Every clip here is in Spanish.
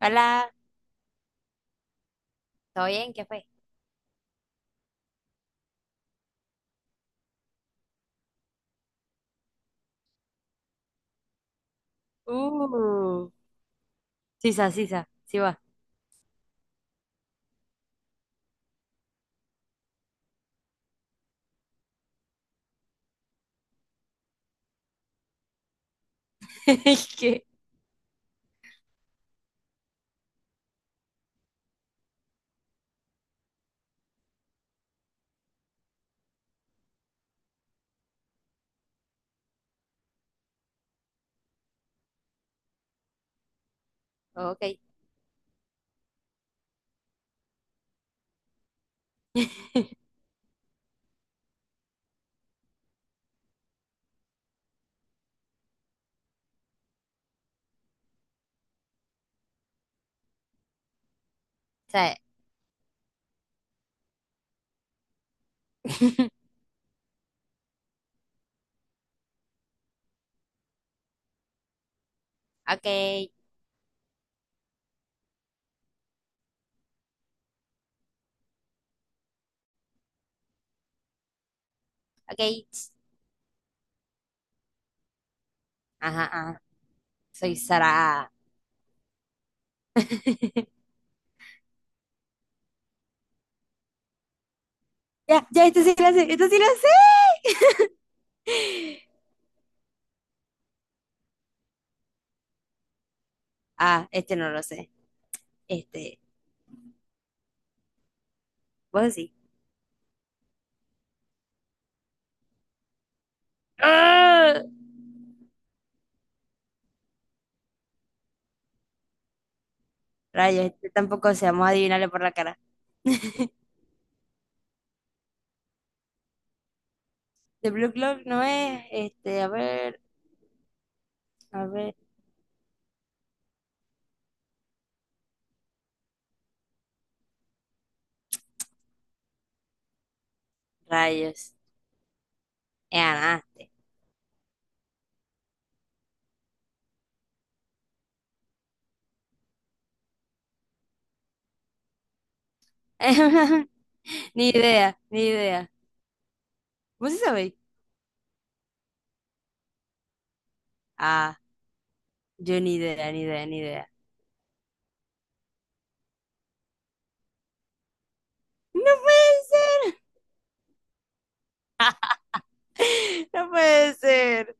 Hola, ¿todo bien? ¿Qué fue? Uh, sisa, sí va. ¿Qué? Ok. Sí. Ok, ok. ts, Ajá, ajá. Soy Sara. Ya, ya, esto sí lo sé, esto sí lo sé. Ah, este no lo sé. Este, vos sí. ¡Ah! Rayos, este tampoco sé, vamos a adivinarle por la cara. De Blue Clock no es, este, a ver, a ver. Rayos. Ya, nada. Ni idea, ni idea. ¿Vos sí sabéis? Ah, yo ni idea, ni idea, ni idea. ¡No puede ser! ¡No puede ser!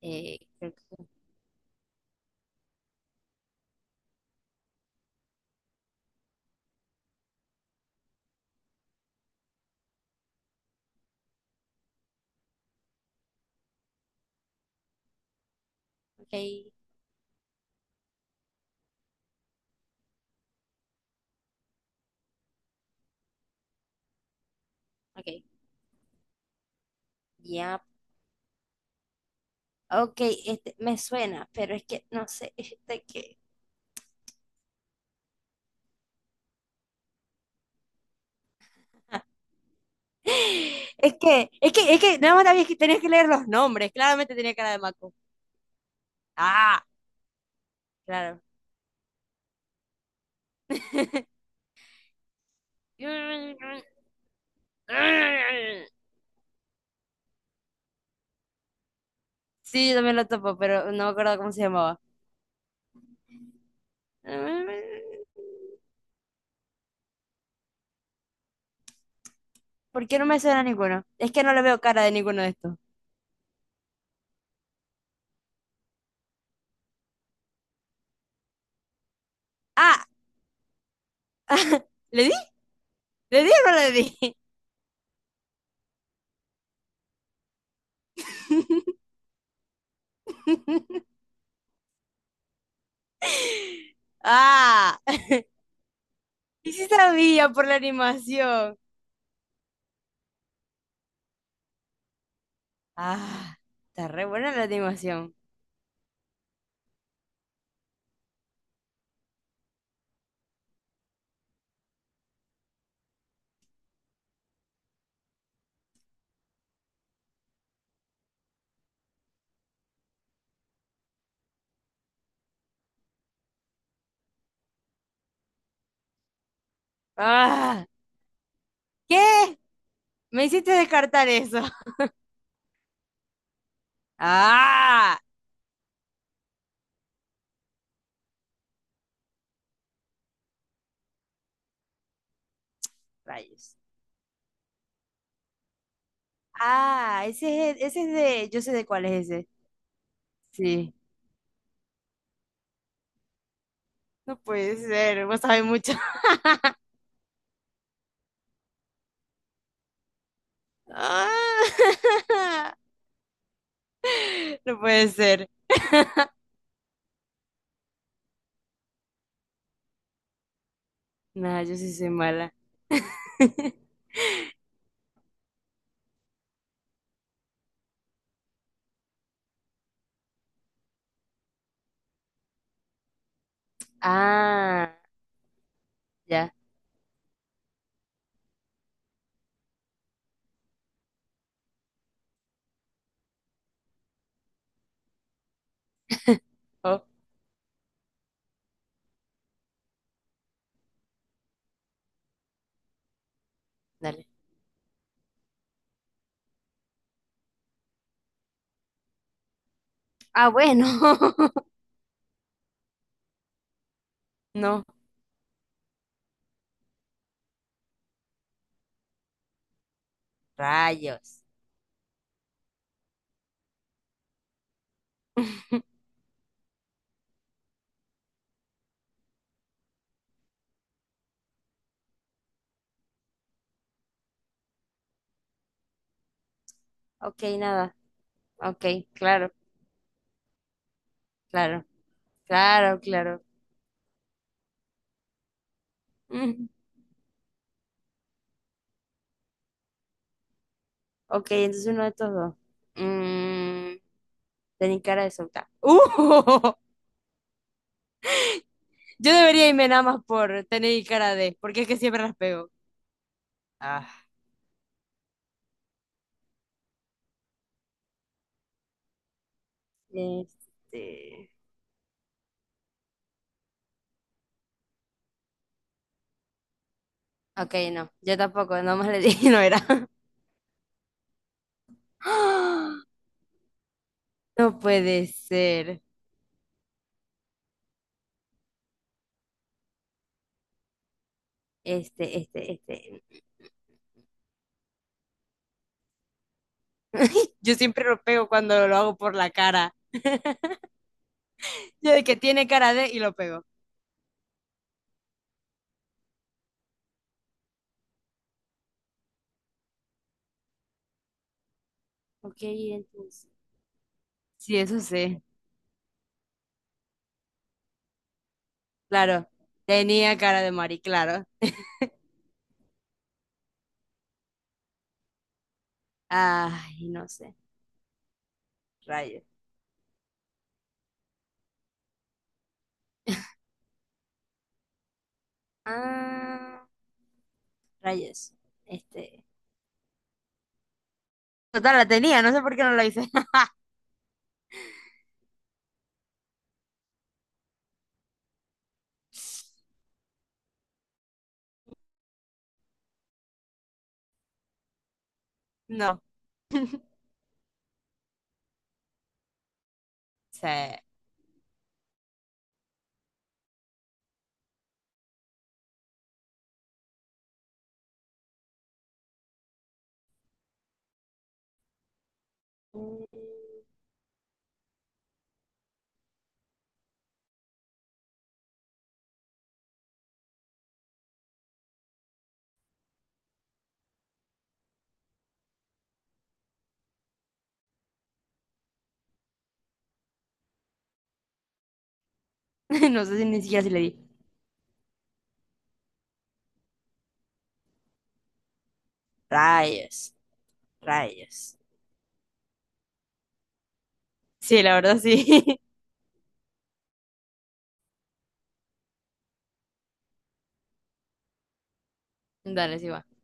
Creo que... Ok, ok, ya. Ok, este me suena, pero es que no sé, este que... Es que, nada más había que- tenías que leer los nombres. Claramente tenía cara de Maco. Ah, claro. Sí, yo también lo topo, pero no me acuerdo cómo se llamaba. ¿Por qué no me suena ninguno? Es que no le veo cara de ninguno de estos. Ah, ¿le di? ¿Le di o no le di? Ah, y sí sabía por la animación. Ah, está re buena la animación. Ah, ¿qué? Me hiciste descartar eso. Ah, rayos. Ah, ese es de, yo sé de cuál es ese. Sí, no puede ser, vos sabés mucho. Ah, no puede ser. Nada, yo sí soy mala. Ah, ya. Oh, dale. Ah, bueno. No, rayos. Ok, nada. Ok, claro, claro, claro, claro. Mm, Ok, entonces uno de estos dos. Mm, tener cara de solta. ¡Uh! Yo debería irme nada más por tener cara de, porque es que siempre las pego. Ah, este. Ok, no, yo tampoco, nada más le dije, no era. No puede ser. Este. Yo siempre lo pego cuando lo hago por la cara. Yo de que tiene cara de y lo pego. Ok, entonces. Sí, eso sí. Claro. Tenía cara de Mari, claro. Ay, no sé. Rayos. Ah, rayos. Este. Total, la tenía, no sé por qué no la hice. No sé. No sé si ni siquiera si le di. Rayos, rayos. Sí, la verdad sí. Dale, sí va.